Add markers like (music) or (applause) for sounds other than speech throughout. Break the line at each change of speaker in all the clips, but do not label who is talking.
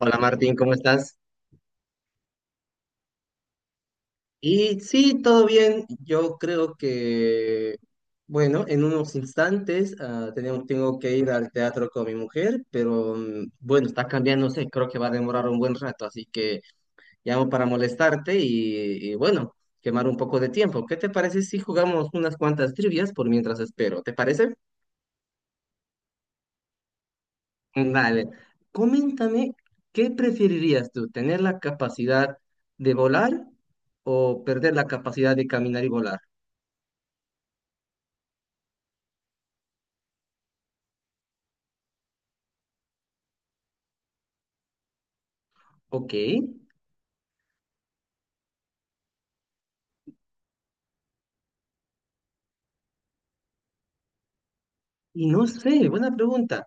Hola Martín, ¿cómo estás? Y sí, todo bien. Yo creo que, bueno, en unos instantes tenemos, tengo que ir al teatro con mi mujer, pero bueno, está cambiándose, creo que va a demorar un buen rato, así que llamo para molestarte y bueno, quemar un poco de tiempo. ¿Qué te parece si jugamos unas cuantas trivias por mientras espero? ¿Te parece? Vale, coméntame, ¿qué preferirías tú? ¿Tener la capacidad de volar o perder la capacidad de caminar y volar? Ok, y no sé, buena pregunta,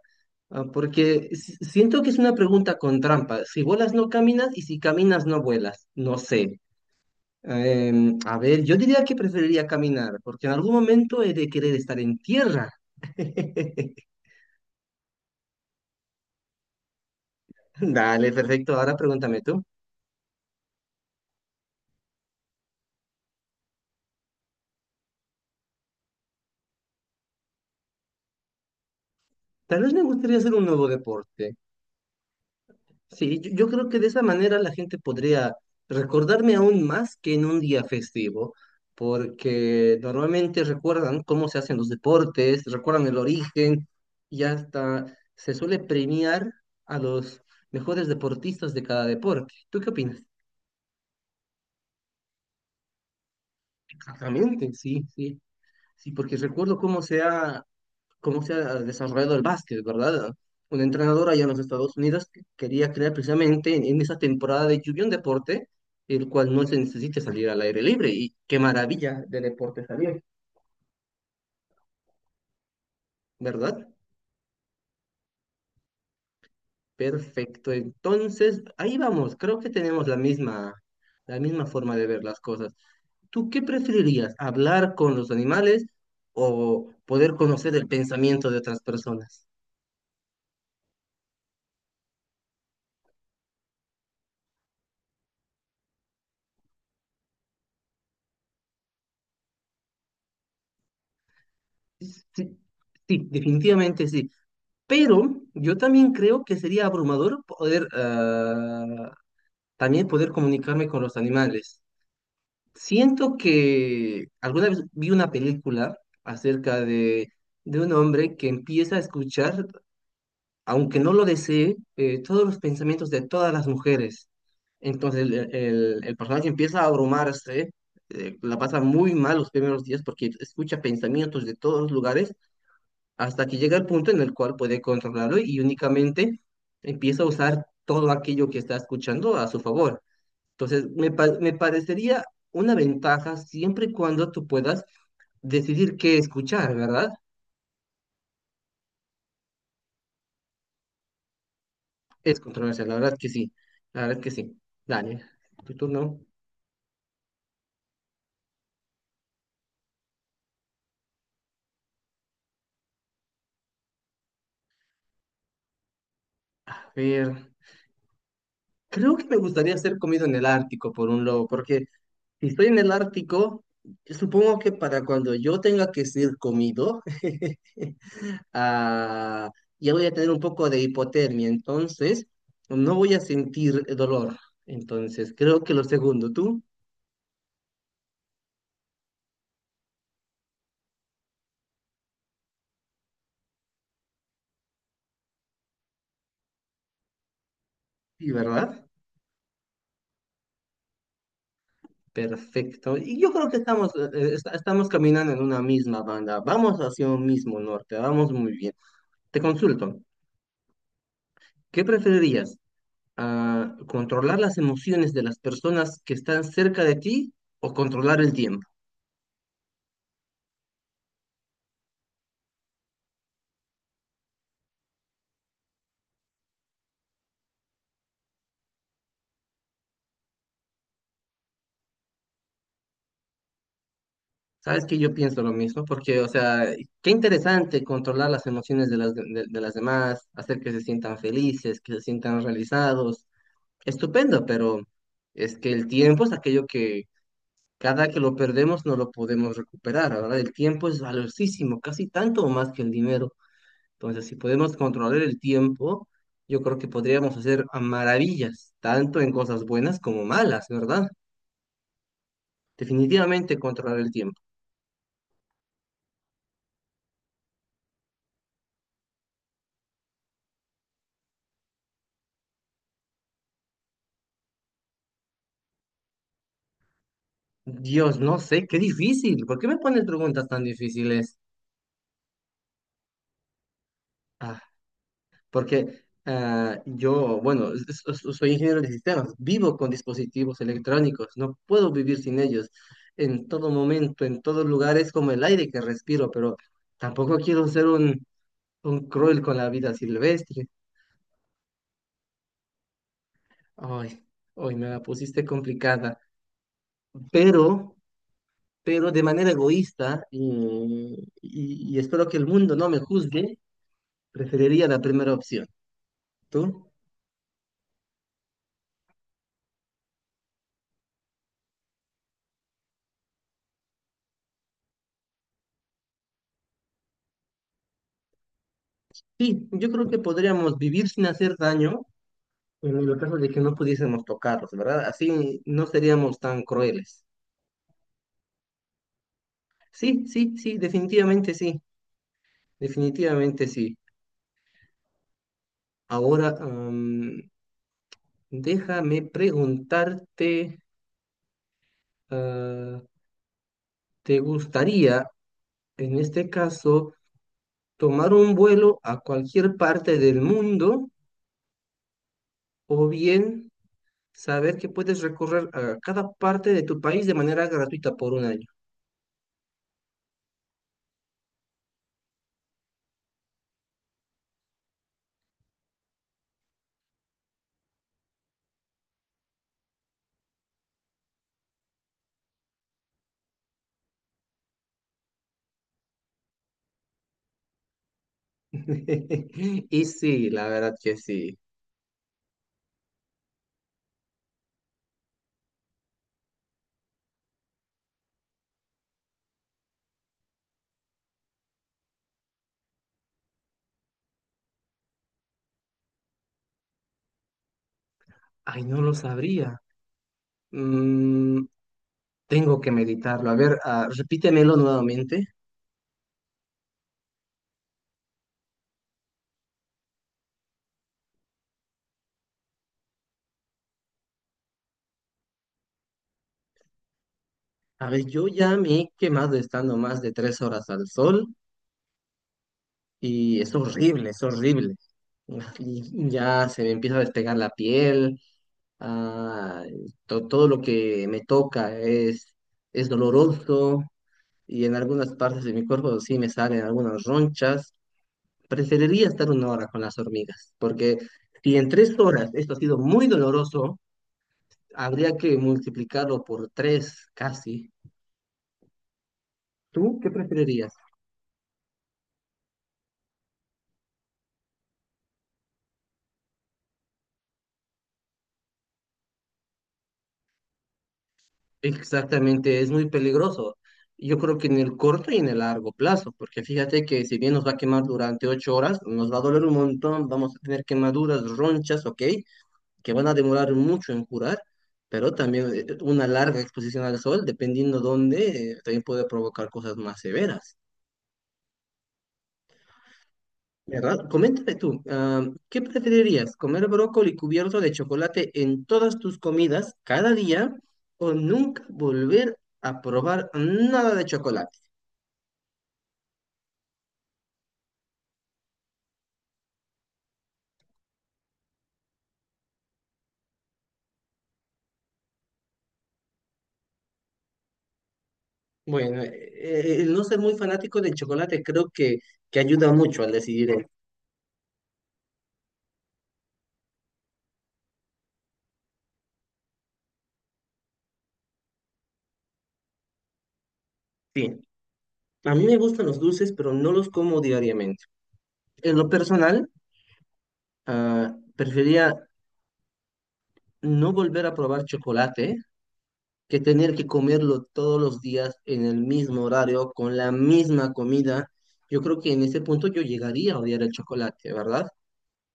ah, porque si- siento que es una pregunta con trampa. Si volas no caminas y si caminas no vuelas, no sé. A ver, yo diría que preferiría caminar, porque en algún momento he de querer estar en tierra. (laughs) Dale, perfecto, ahora pregúntame tú. Tal vez me gustaría hacer un nuevo deporte. Sí, yo creo que de esa manera la gente podría recordarme aún más que en un día festivo, porque normalmente recuerdan cómo se hacen los deportes, recuerdan el origen y hasta se suele premiar a los mejores deportistas de cada deporte. ¿Tú qué opinas? Exactamente, sí, sí, sí, porque recuerdo cómo se ha desarrollado el básquet, ¿verdad? Una entrenadora allá en los Estados Unidos que quería crear precisamente en esa temporada de lluvia un deporte el cual no se necesite salir al aire libre. Y qué maravilla de deporte salió, ¿verdad? Perfecto. Entonces, ahí vamos. Creo que tenemos la misma forma de ver las cosas. ¿Tú qué preferirías? ¿Hablar con los animales o poder conocer el pensamiento de otras personas? Sí, sí, definitivamente sí. Pero yo también creo que sería abrumador poder también poder comunicarme con los animales. Siento que alguna vez vi una película acerca de un hombre que empieza a escuchar, aunque no lo desee, todos los pensamientos de todas las mujeres. Entonces el personaje empieza a abrumarse, la pasa muy mal los primeros días porque escucha pensamientos de todos los lugares hasta que llega el punto en el cual puede controlarlo y únicamente empieza a usar todo aquello que está escuchando a su favor. Entonces, me parecería una ventaja siempre y cuando tú puedas decidir qué escuchar, ¿verdad? Es controversia, la verdad que sí, la verdad que sí. Dale, tu turno. A ver, creo que me gustaría ser comido en el Ártico por un lobo, porque si estoy en el Ártico, yo supongo que para cuando yo tenga que ser comido, (laughs) ah, ya voy a tener un poco de hipotermia, entonces no voy a sentir dolor. Entonces, creo que lo segundo, tú, sí, ¿verdad? Perfecto. Y yo creo que estamos, estamos caminando en una misma banda. Vamos hacia un mismo norte, vamos muy bien. Te consulto, ¿qué preferirías? ¿Controlar las emociones de las personas que están cerca de ti o controlar el tiempo? Sabes que yo pienso lo mismo, porque, o sea, qué interesante controlar las emociones de las demás, hacer que se sientan felices, que se sientan realizados. Estupendo, pero es que el tiempo es aquello que cada que lo perdemos no lo podemos recuperar, ¿verdad? El tiempo es valiosísimo, casi tanto o más que el dinero. Entonces, si podemos controlar el tiempo, yo creo que podríamos hacer a maravillas, tanto en cosas buenas como malas, ¿verdad? Definitivamente controlar el tiempo. Dios, no sé, qué difícil. ¿Por qué me pones preguntas tan difíciles? Ah, yo, bueno, soy ingeniero de sistemas, vivo con dispositivos electrónicos, no puedo vivir sin ellos. En todo momento, en todos lugares, como el aire que respiro, pero tampoco quiero ser un cruel con la vida silvestre. Ay, hoy me la pusiste complicada, pero, pero de manera egoísta y espero que el mundo no me juzgue, preferiría la primera opción. ¿Tú? Sí, yo creo que podríamos vivir sin hacer daño en el caso de que no pudiésemos tocarlos, ¿verdad? Así no seríamos tan crueles. Sí, sí, sí, definitivamente sí, definitivamente sí. Ahora, déjame preguntarte, ah, ¿te gustaría, en este caso, tomar un vuelo a cualquier parte del mundo o bien saber que puedes recorrer a cada parte de tu país de manera gratuita por un año? (laughs) Y sí, la verdad que sí. Ay, no lo sabría. Mm, tengo que meditarlo. A ver, repítemelo nuevamente. A ver, yo ya me he quemado estando más de tres horas al sol y es horrible, es horrible. Y ya se me empieza a despegar la piel, ah, todo lo que me toca es doloroso y en algunas partes de mi cuerpo sí me salen algunas ronchas. Preferiría estar una hora con las hormigas, porque si en tres horas esto ha sido muy doloroso, habría que multiplicarlo por tres casi. ¿Tú qué preferirías? Exactamente, es muy peligroso. Yo creo que en el corto y en el largo plazo, porque fíjate que si bien nos va a quemar durante ocho horas, nos va a doler un montón, vamos a tener quemaduras, ronchas, ok, que van a demorar mucho en curar, pero también una larga exposición al sol, dependiendo dónde, también puede provocar cosas más severas. ¿Verdad? Coméntame tú, ¿qué preferirías? ¿Comer brócoli cubierto de chocolate en todas tus comidas cada día o nunca volver a probar nada de chocolate? Bueno, el no ser muy fanático del chocolate creo que ayuda mucho al decidir esto. Sí, a mí me gustan los dulces, pero no los como diariamente. En lo personal, preferiría no volver a probar chocolate que tener que comerlo todos los días en el mismo horario, con la misma comida, yo creo que en ese punto yo llegaría a odiar el chocolate, ¿verdad?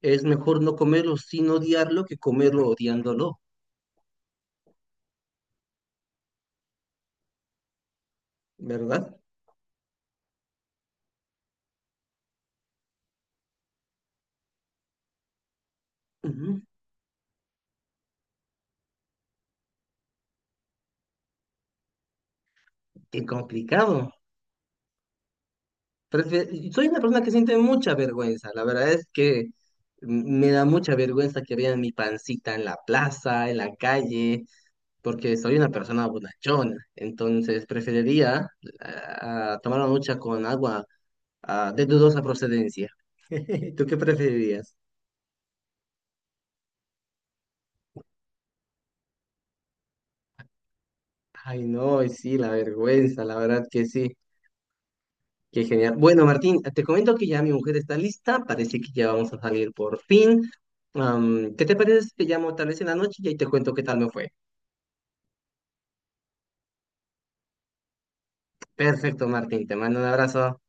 Es mejor no comerlo sin odiarlo que comerlo odiándolo, ¿verdad? Ujú. Qué complicado. Soy una persona que siente mucha vergüenza. La verdad es que me da mucha vergüenza que vean mi pancita en la plaza, en la calle, porque soy una persona bonachona. Entonces preferiría tomar una ducha con agua de dudosa procedencia. (laughs) ¿Tú qué preferirías? Ay, no, y sí, la vergüenza, la verdad que sí. Qué genial. Bueno, Martín, te comento que ya mi mujer está lista, parece que ya vamos a salir por fin. ¿Qué te parece si te llamo tal vez en la noche y ahí te cuento qué tal me fue? Perfecto, Martín, te mando un abrazo.